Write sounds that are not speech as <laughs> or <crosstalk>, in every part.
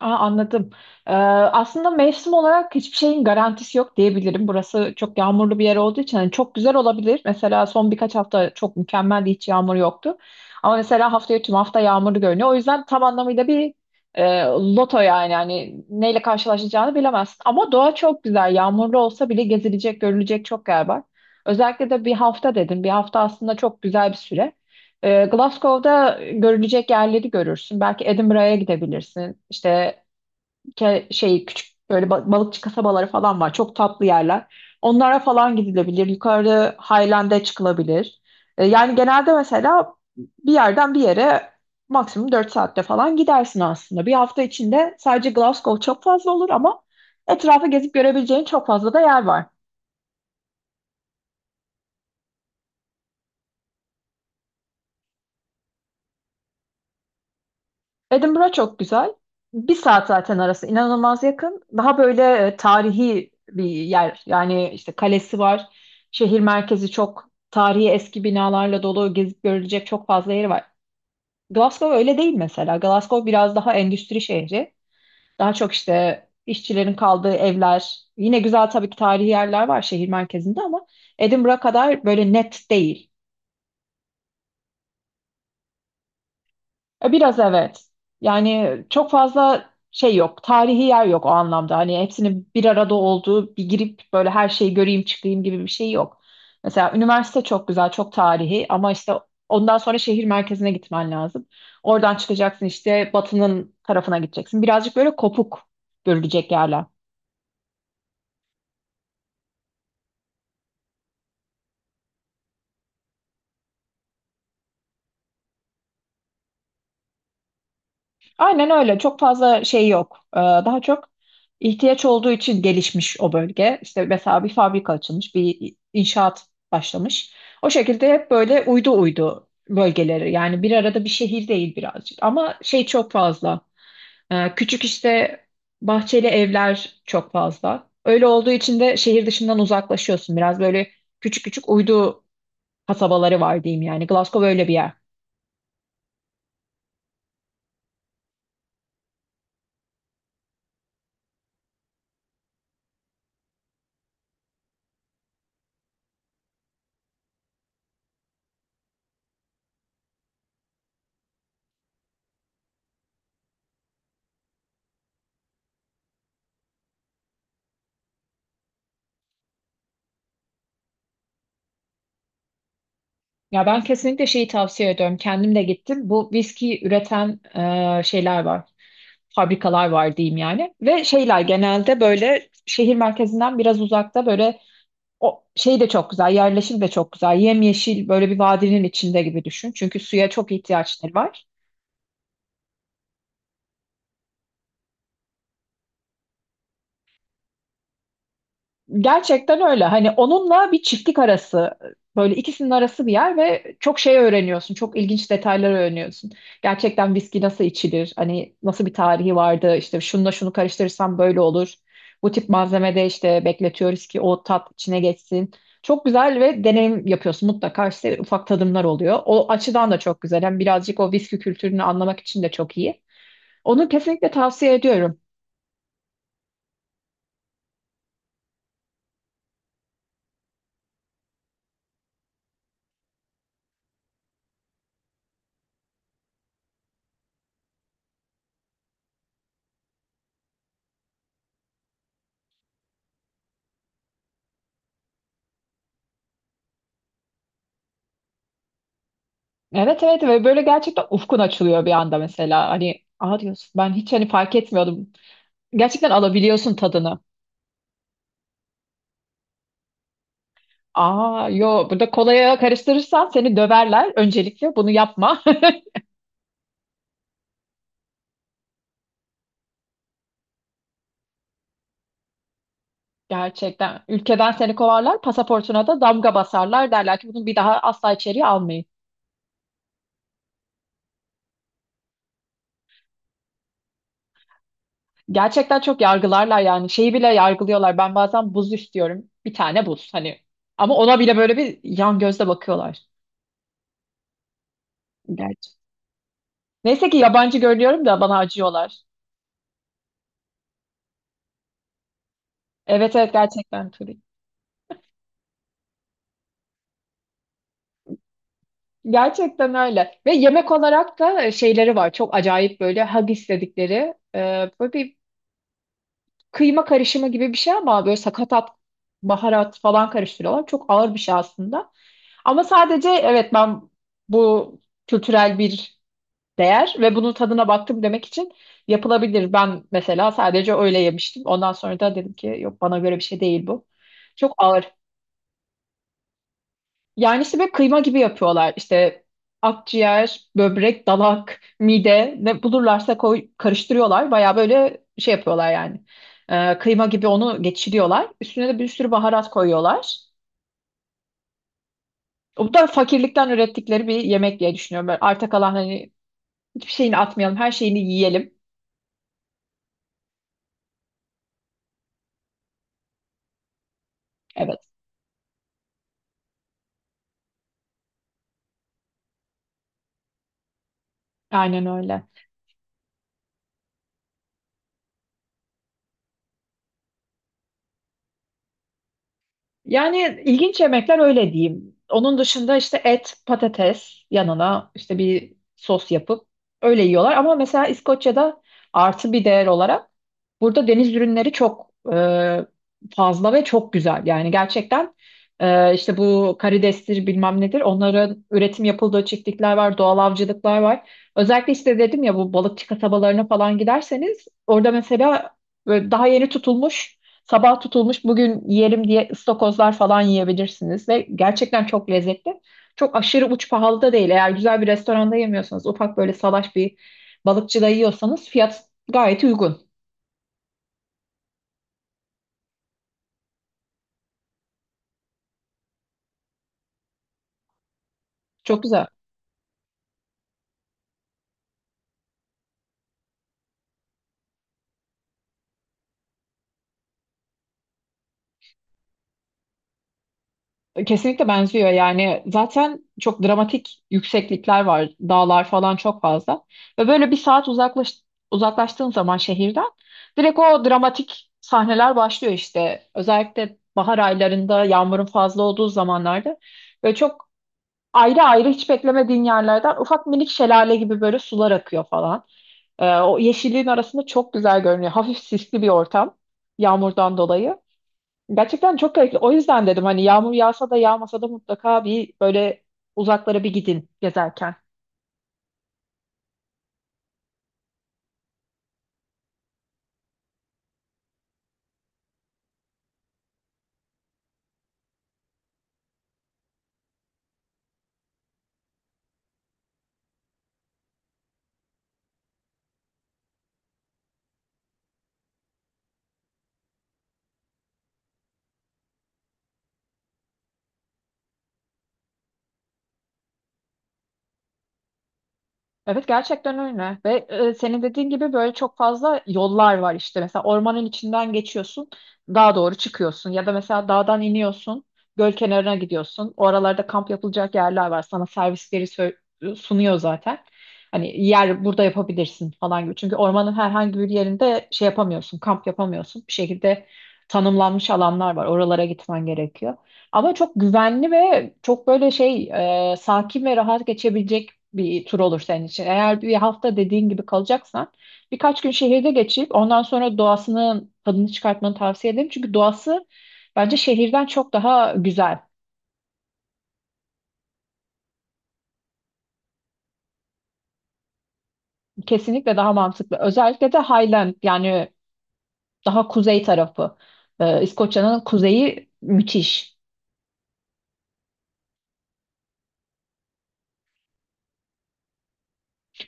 Anladım. Aslında mevsim olarak hiçbir şeyin garantisi yok diyebilirim. Burası çok yağmurlu bir yer olduğu için hani çok güzel olabilir. Mesela son birkaç hafta çok mükemmeldi, hiç yağmur yoktu. Ama mesela haftaya tüm hafta yağmurlu görünüyor. O yüzden tam anlamıyla bir loto yani. Hani neyle karşılaşacağını bilemezsin. Ama doğa çok güzel. Yağmurlu olsa bile gezilecek, görülecek çok yer var. Özellikle de bir hafta dedim. Bir hafta aslında çok güzel bir süre. Glasgow'da görülecek yerleri görürsün. Belki Edinburgh'a gidebilirsin. İşte küçük böyle balıkçı kasabaları falan var. Çok tatlı yerler. Onlara falan gidilebilir. Yukarı Highland'e çıkılabilir. Yani genelde mesela bir yerden bir yere maksimum 4 saatte falan gidersin aslında. Bir hafta içinde sadece Glasgow çok fazla olur ama etrafı gezip görebileceğin çok fazla da yer var. Edinburgh çok güzel. Bir saat zaten arası inanılmaz yakın. Daha böyle tarihi bir yer. Yani işte kalesi var. Şehir merkezi çok tarihi eski binalarla dolu. Gezip görülecek çok fazla yeri var. Glasgow öyle değil mesela. Glasgow biraz daha endüstri şehri. Daha çok işte işçilerin kaldığı evler. Yine güzel tabii ki tarihi yerler var şehir merkezinde ama Edinburgh kadar böyle net değil. Biraz evet. Yani çok fazla şey yok. Tarihi yer yok o anlamda. Hani hepsinin bir arada olduğu, bir girip böyle her şeyi göreyim çıkayım gibi bir şey yok. Mesela üniversite çok güzel, çok tarihi ama işte ondan sonra şehir merkezine gitmen lazım. Oradan çıkacaksın işte batının tarafına gideceksin. Birazcık böyle kopuk görülecek yerler. Aynen öyle. Çok fazla şey yok. Daha çok ihtiyaç olduğu için gelişmiş o bölge. İşte mesela bir fabrika açılmış, bir inşaat başlamış. O şekilde hep böyle uydu uydu bölgeleri. Yani bir arada bir şehir değil birazcık. Ama şey çok fazla. Küçük işte bahçeli evler çok fazla. Öyle olduğu için de şehir dışından uzaklaşıyorsun. Biraz böyle küçük küçük uydu kasabaları var diyeyim yani. Glasgow öyle bir yer. Ya ben kesinlikle şeyi tavsiye ediyorum. Kendim de gittim. Bu viski üreten şeyler var. Fabrikalar var diyeyim yani. Ve şeyler genelde böyle şehir merkezinden biraz uzakta böyle. O şey de çok güzel, yerleşim de çok güzel. Yemyeşil böyle bir vadinin içinde gibi düşün. Çünkü suya çok ihtiyaçları var. Gerçekten öyle. Hani onunla bir çiftlik arası, böyle ikisinin arası bir yer ve çok şey öğreniyorsun. Çok ilginç detaylar öğreniyorsun. Gerçekten viski nasıl içilir? Hani nasıl bir tarihi vardı? İşte şununla şunu karıştırırsam böyle olur. Bu tip malzemede işte bekletiyoruz ki o tat içine geçsin. Çok güzel ve deneyim yapıyorsun. Mutlaka işte ufak tadımlar oluyor. O açıdan da çok güzel. Hem birazcık o viski kültürünü anlamak için de çok iyi. Onu kesinlikle tavsiye ediyorum. Evet evet, ve böyle gerçekten ufkun açılıyor bir anda mesela. Hani aa diyorsun ben hiç hani fark etmiyordum. Gerçekten alabiliyorsun tadını. Aa yo, burada kolaya karıştırırsan seni döverler. Öncelikle bunu yapma. <laughs> Gerçekten ülkeden seni kovarlar, pasaportuna da damga basarlar derler ki bunu bir daha asla içeriye almayın. Gerçekten çok yargılarlar yani şeyi bile yargılıyorlar. Ben bazen buz istiyorum. Bir tane buz hani. Ama ona bile böyle bir yan gözle bakıyorlar. Gerçi. Neyse ki yabancı görünüyorum da bana acıyorlar. Evet evet, gerçekten Turi. Gerçekten öyle. Ve yemek olarak da şeyleri var. Çok acayip böyle hag istedikleri. Böyle bir kıyma karışımı gibi bir şey ama böyle sakatat, baharat falan karıştırıyorlar. Çok ağır bir şey aslında. Ama sadece evet ben bu kültürel bir değer ve bunun tadına baktım demek için yapılabilir. Ben mesela sadece öyle yemiştim. Ondan sonra da dedim ki yok bana göre bir şey değil bu. Çok ağır. Yani işte böyle kıyma gibi yapıyorlar. İşte akciğer, böbrek, dalak, mide ne bulurlarsa koy, karıştırıyorlar. Baya böyle şey yapıyorlar yani. Kıyma gibi onu geçiriyorlar. Üstüne de bir sürü baharat koyuyorlar. O da fakirlikten ürettikleri bir yemek diye düşünüyorum. Böyle arta kalan hani hiçbir şeyini atmayalım, her şeyini yiyelim. Evet, aynen öyle. Yani ilginç yemekler öyle diyeyim. Onun dışında işte et, patates yanına işte bir sos yapıp öyle yiyorlar. Ama mesela İskoçya'da artı bir değer olarak burada deniz ürünleri çok fazla ve çok güzel. Yani gerçekten işte bu karidestir bilmem nedir onların üretim yapıldığı çiftlikler var, doğal avcılıklar var. Özellikle işte dedim ya bu balıkçı kasabalarına falan giderseniz orada mesela böyle daha yeni tutulmuş, sabah tutulmuş bugün yerim diye ıstakozlar falan yiyebilirsiniz ve gerçekten çok lezzetli. Çok aşırı uç pahalı da değil. Eğer güzel bir restoranda yemiyorsanız, ufak böyle salaş bir balıkçıda yiyorsanız fiyat gayet uygun. Çok güzel. Kesinlikle benziyor yani zaten çok dramatik yükseklikler var, dağlar falan çok fazla ve böyle bir saat uzaklaştığın zaman şehirden direkt o dramatik sahneler başlıyor işte özellikle bahar aylarında yağmurun fazla olduğu zamanlarda böyle çok ayrı ayrı hiç beklemediğin yerlerden ufak minik şelale gibi böyle sular akıyor falan. O yeşilliğin arasında çok güzel görünüyor, hafif sisli bir ortam yağmurdan dolayı. Gerçekten çok gerekli. O yüzden dedim hani yağmur yağsa da yağmasa da mutlaka bir böyle uzaklara bir gidin gezerken. Evet gerçekten öyle ve senin dediğin gibi böyle çok fazla yollar var, işte mesela ormanın içinden geçiyorsun, dağa doğru çıkıyorsun ya da mesela dağdan iniyorsun, göl kenarına gidiyorsun, oralarda kamp yapılacak yerler var, sana servisleri sunuyor zaten. Hani yer burada yapabilirsin falan gibi, çünkü ormanın herhangi bir yerinde şey yapamıyorsun, kamp yapamıyorsun, bir şekilde tanımlanmış alanlar var, oralara gitmen gerekiyor. Ama çok güvenli ve çok böyle şey sakin ve rahat geçebilecek bir tur olur senin için. Eğer bir hafta dediğin gibi kalacaksan birkaç gün şehirde geçip ondan sonra doğasının tadını çıkartmanı tavsiye ederim. Çünkü doğası bence şehirden çok daha güzel. Kesinlikle daha mantıklı. Özellikle de Highland yani daha kuzey tarafı. İskoçya'nın kuzeyi müthiş.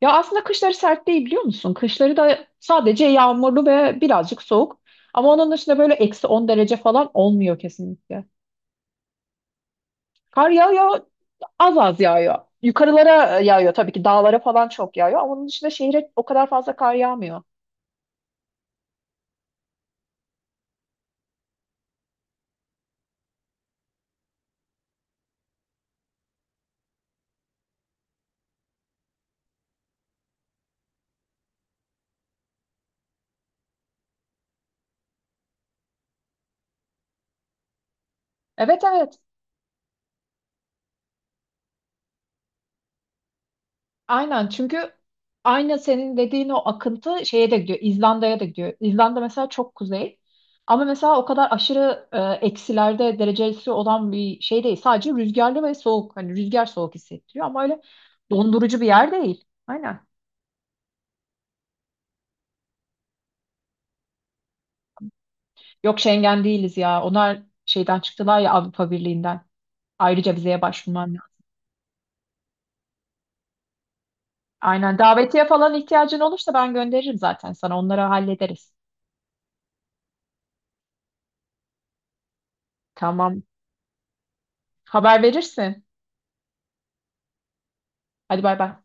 Ya aslında kışları sert değil biliyor musun? Kışları da sadece yağmurlu ve birazcık soğuk. Ama onun dışında böyle eksi 10 derece falan olmuyor kesinlikle. Kar yağıyor, az az yağıyor. Yukarılara yağıyor tabii ki, dağlara falan çok yağıyor. Ama onun dışında şehre o kadar fazla kar yağmıyor. Evet evet. Aynen, çünkü aynı senin dediğin o akıntı şeye de gidiyor. İzlanda'ya da gidiyor. İzlanda mesela çok kuzey. Ama mesela o kadar aşırı eksilerde derecesi olan bir şey değil. Sadece rüzgarlı ve soğuk. Hani rüzgar soğuk hissettiriyor ama öyle dondurucu bir yer değil. Aynen. Yok, Schengen değiliz ya. Onlar şeyden çıktılar ya, Avrupa Birliği'nden. Ayrıca vizeye başvurman lazım. Aynen. Davetiye falan ihtiyacın olursa ben gönderirim zaten sana. Onları hallederiz. Tamam. Haber verirsin. Hadi bay bay.